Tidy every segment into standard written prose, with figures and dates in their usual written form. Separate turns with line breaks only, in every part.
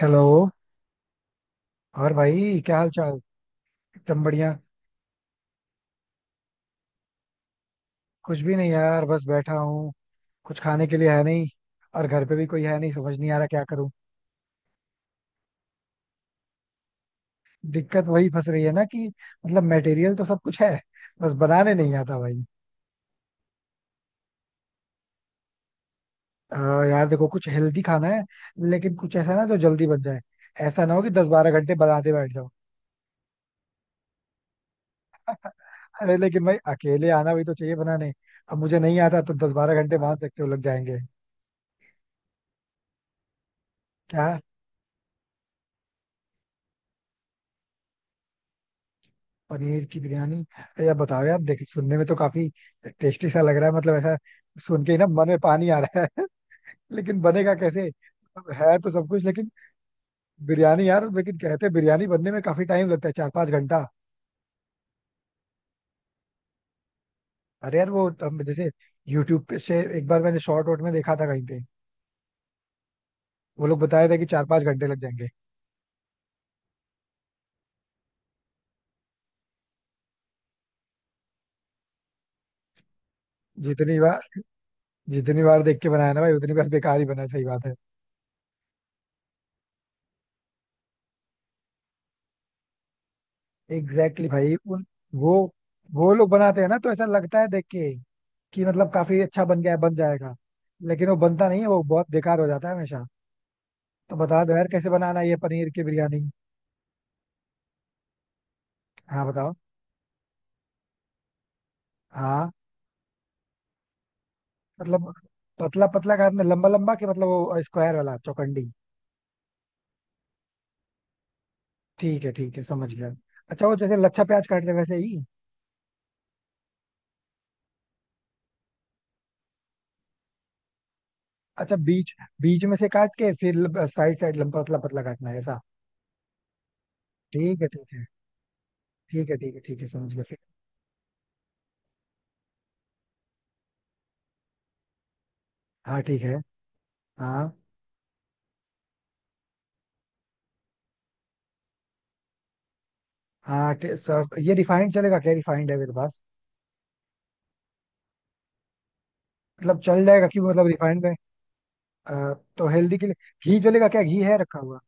Hello. और भाई क्या हाल चाल? एकदम बढ़िया। कुछ भी नहीं यार, बस बैठा हूँ। कुछ खाने के लिए है नहीं। और घर पे भी कोई है नहीं, समझ नहीं आ रहा क्या करूँ। दिक्कत वही फंस रही है ना कि मतलब मटेरियल तो सब कुछ है, बस बनाने नहीं आता भाई। यार देखो, कुछ हेल्दी खाना है, लेकिन कुछ ऐसा ना जो जल्दी बन जाए। ऐसा ना हो कि दस बारह घंटे बनाते बैठ जाओ। अरे लेकिन भाई अकेले आना भी तो चाहिए बनाने। अब मुझे नहीं आता, तो दस बारह घंटे मान सकते हो लग जाएंगे। क्या? पनीर की बिरयानी? या बताओ यार, देख सुनने में तो काफी टेस्टी सा लग रहा है, मतलब ऐसा। सुन के ही ना मन में पानी आ रहा है। लेकिन बनेगा कैसे? मतलब है तो सब कुछ लेकिन। बिरयानी यार, लेकिन कहते हैं बिरयानी बनने में काफी टाइम लगता है, चार पाँच घंटा। अरे यार वो हम जैसे यूट्यूब पे से एक बार मैंने शॉर्ट वॉर्ट में देखा था कहीं पे। वो लोग बताया था कि चार पाँच घंटे लग जाएंगे। जितनी बार जितनी बार देख के बनाया ना भाई, उतनी बार बेकार ही बना, सही बात है। एग्जैक्टली भाई, उन वो वो लोग बनाते हैं ना तो ऐसा लगता है देख के कि मतलब काफी अच्छा बन गया है, बन जाएगा। लेकिन वो बनता नहीं है, वो बहुत बेकार हो जाता है हमेशा। तो बता दो यार, कैसे बनाना है ये पनीर की बिरयानी? हाँ, बताओ। हाँ मतलब, पतला पतला काटना, लंबा लंबा के मतलब वो स्क्वायर वाला, चौकंडी? ठीक है, ठीक है, समझ गया। अच्छा, वो जैसे लच्छा प्याज काटते हैं वैसे ही? अच्छा, बीच बीच में से काट के फिर साइड साइड लंबा पतला पतला काटना है ऐसा? ठीक है, ठीक है, ठीक है, ठीक है, ठीक है, समझ गया फिर। हाँ ठीक है। हाँ हाँ, सर ये रिफाइंड चलेगा क्या? रिफाइंड है मेरे पास। मतलब चल जाएगा कि मतलब रिफाइंड में? तो हेल्दी के लिए घी जो, लेगा क्या? घी है रखा हुआ?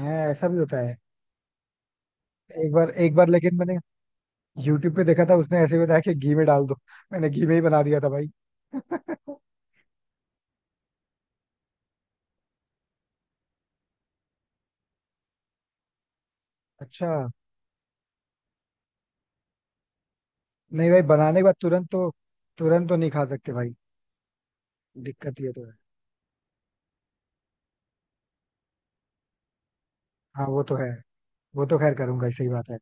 है? ऐसा भी होता है? एक बार लेकिन मैंने यूट्यूब पे देखा था, उसने ऐसे बताया कि घी में डाल दो। मैंने घी में ही बना दिया था भाई। अच्छा। नहीं भाई, बनाने के बाद तुरंत तो नहीं खा सकते भाई। दिक्कत ये तो है। हाँ, वो तो है। वो तो खैर करूंगा ही, सही बात है।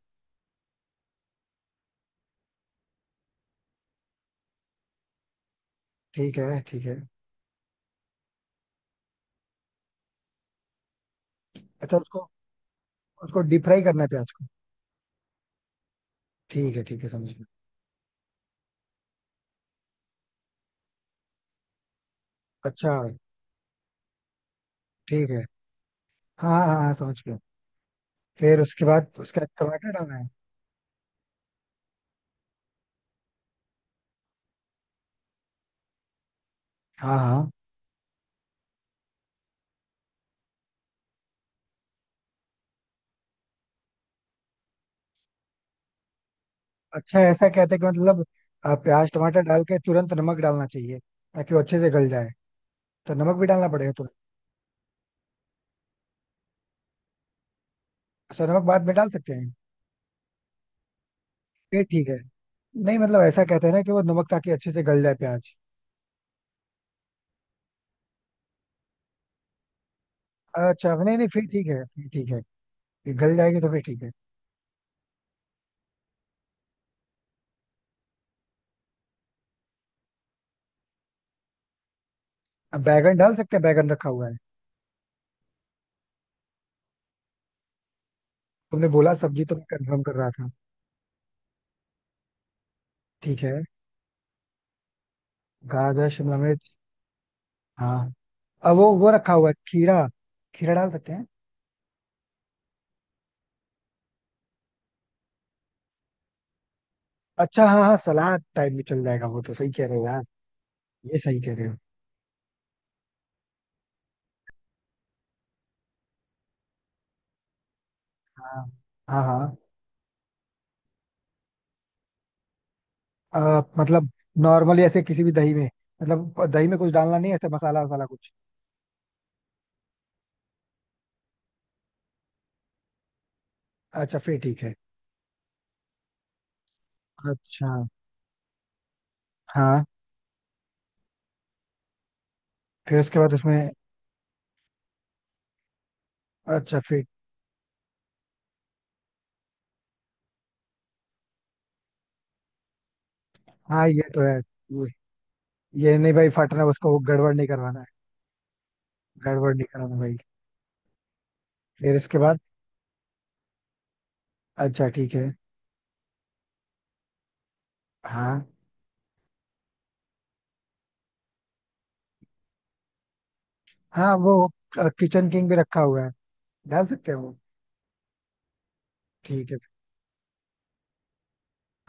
ठीक है, ठीक है। अच्छा, उसको उसको डीप फ्राई करना है प्याज को? ठीक है, ठीक है, समझ गया। अच्छा, ठीक है। हाँ हाँ हाँ, समझ गया। फिर उसके बाद उसका टमाटर डालना है? हाँ, हाँ। अच्छा ऐसा कहते हैं कि मतलब, प्याज टमाटर डाल के तुरंत नमक डालना चाहिए, ताकि वो अच्छे से गल जाए। तो नमक भी डालना पड़ेगा तुरंत? अच्छा, नमक बाद में डाल सकते हैं? फिर ठीक है। नहीं मतलब ऐसा कहते हैं ना कि वो नमक ताकि अच्छे से गल जाए प्याज। अच्छा, नहीं नहीं, फिर ठीक है, फिर ठीक है। फिर गल जाएगी तो फिर ठीक है। अब बैगन डाल सकते हैं? बैगन रखा हुआ है। तुमने बोला सब्जी तो मैं कंफर्म कर रहा था। ठीक है। गाजर, शिमला मिर्च। हाँ। अब वो रखा हुआ है खीरा, खीरा डाल सकते हैं? अच्छा हाँ हाँ, सलाद टाइप में चल जाएगा वो तो, सही कह रहे हो यार। ये सही कह रहे हो। हाँ हाँ। हाँ। मतलब नॉर्मली ऐसे किसी भी दही में, मतलब दही में कुछ डालना नहीं है, ऐसे मसाला वसाला कुछ? अच्छा फिर ठीक है। अच्छा। हाँ। फिर उसके बाद उसमें? अच्छा फिर। हाँ। ये तो है। ये ये नहीं भाई, फटना उसको, गड़बड़ नहीं करवाना है। गड़बड़ नहीं कराना भाई। फिर इसके बाद? अच्छा ठीक है। हाँ। हाँ वो, किचन किंग भी रखा हुआ है, डाल सकते हैं वो? ठीक है।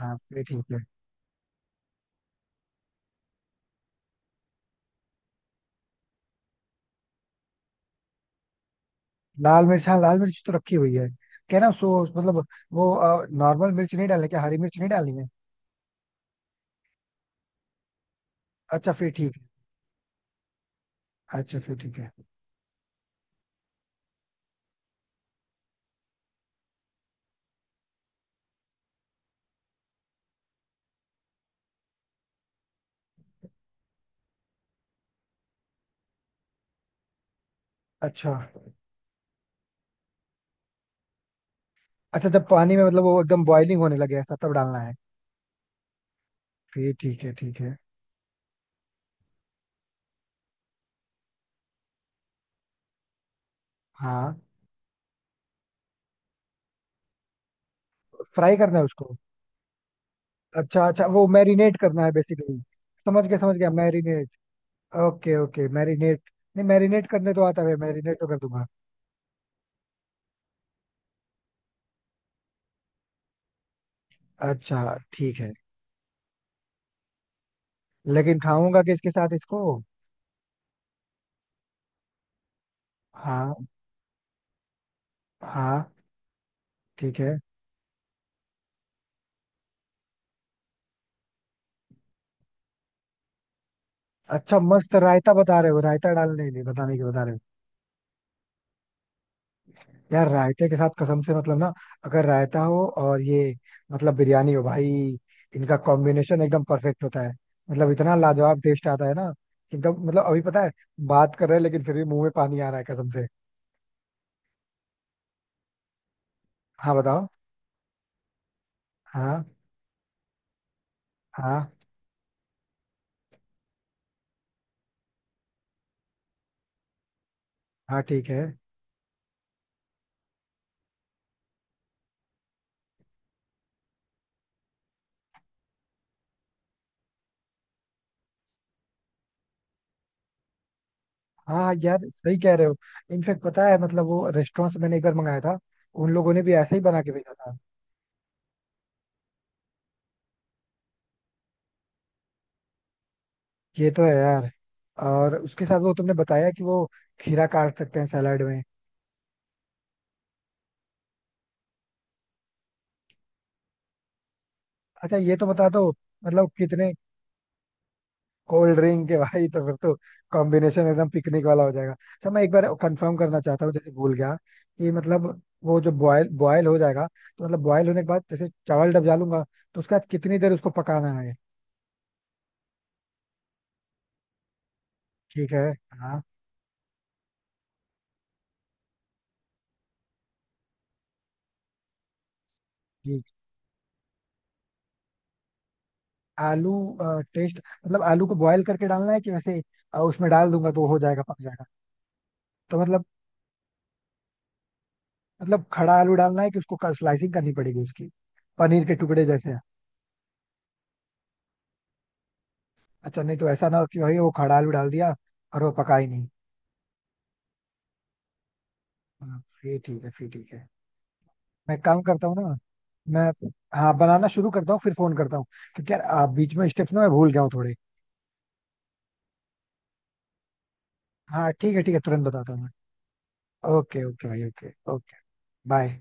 हाँ फिर ठीक है। लाल मिर्च, हाँ लाल मिर्च तो रखी हुई है। कहना सो मतलब, वो नॉर्मल मिर्च नहीं डालने क्या, हरी मिर्च नहीं डालनी है? अच्छा फिर ठीक है। अच्छा फिर ठीक है। अच्छा। अच्छा जब पानी में मतलब वो एकदम बॉइलिंग होने लगे ऐसा, तब डालना है? फिर ठीक है, ठीक है। हाँ। फ्राई करना है उसको? अच्छा, अच्छा वो मैरिनेट करना है बेसिकली। समझ गया, समझ गया, मैरिनेट। Okay okay, marinate. नहीं, मैरिनेट करने तो आता है, मैरिनेट तो कर दूंगा। अच्छा ठीक है। लेकिन खाऊंगा किसके साथ इसको? हाँ। हाँ। ठीक है। अच्छा मस्त, रायता बता रहे हो, रायता डालने के लिए बताने के बता रहे हो। यार रायते के साथ कसम से, मतलब ना, अगर रायता हो और ये, मतलब बिरयानी हो भाई, इनका कॉम्बिनेशन एकदम परफेक्ट होता है। मतलब इतना लाजवाब टेस्ट आता है ना कि एकदम, मतलब अभी पता है बात कर रहे हैं, लेकिन फिर भी मुंह में पानी आ रहा है कसम से। हाँ, बताओ। हाँ। हाँ। हाँ। ठीक है। हाँ यार, सही कह रहे हो। इनफेक्ट पता है, मतलब वो रेस्टोरेंट से मैंने एक बार मंगाया था, उन लोगों ने भी ऐसे ही बना के भेजा था। ये तो है यार। और उसके साथ वो तुमने बताया कि वो खीरा काट सकते हैं, सैलाड में। अच्छा ये तो बता दो, मतलब कितने? कोल्ड ड्रिंक के भाई, तो फिर तो कॉम्बिनेशन एकदम पिकनिक वाला हो जाएगा। अच्छा मैं एक बार कंफर्म करना चाहता हूँ, जैसे भूल गया, कि मतलब वो जो बॉयल बॉयल हो जाएगा, तो मतलब बॉयल होने के बाद जैसे चावल डब डालूंगा, तो उसके बाद कितनी देर उसको पकाना है? ठीक है। हाँ। ठीक। आलू, टेस्ट, मतलब आलू को बॉयल करके डालना है कि वैसे उसमें डाल दूंगा तो हो जाएगा, पक जाएगा? तो मतलब खड़ा आलू डालना है कि उसको स्लाइसिंग करनी पड़ेगी उसकी, पनीर के टुकड़े जैसे? अच्छा, नहीं तो ऐसा ना हो कि भाई वो खड़ा आलू डाल दिया और वो पका ही नहीं। हाँ, फिर ठीक है, फिर ठीक है। मैं काम करता हूँ ना। मैं हाँ, बनाना शुरू करता हूँ, फिर फोन करता हूँ, क्योंकि यार बीच में स्टेप्स ना मैं भूल गया हूँ थोड़े। हाँ ठीक है, ठीक है, तुरंत बताता हूँ मैं। ओके ओके भाई, ओके ओके। बाय।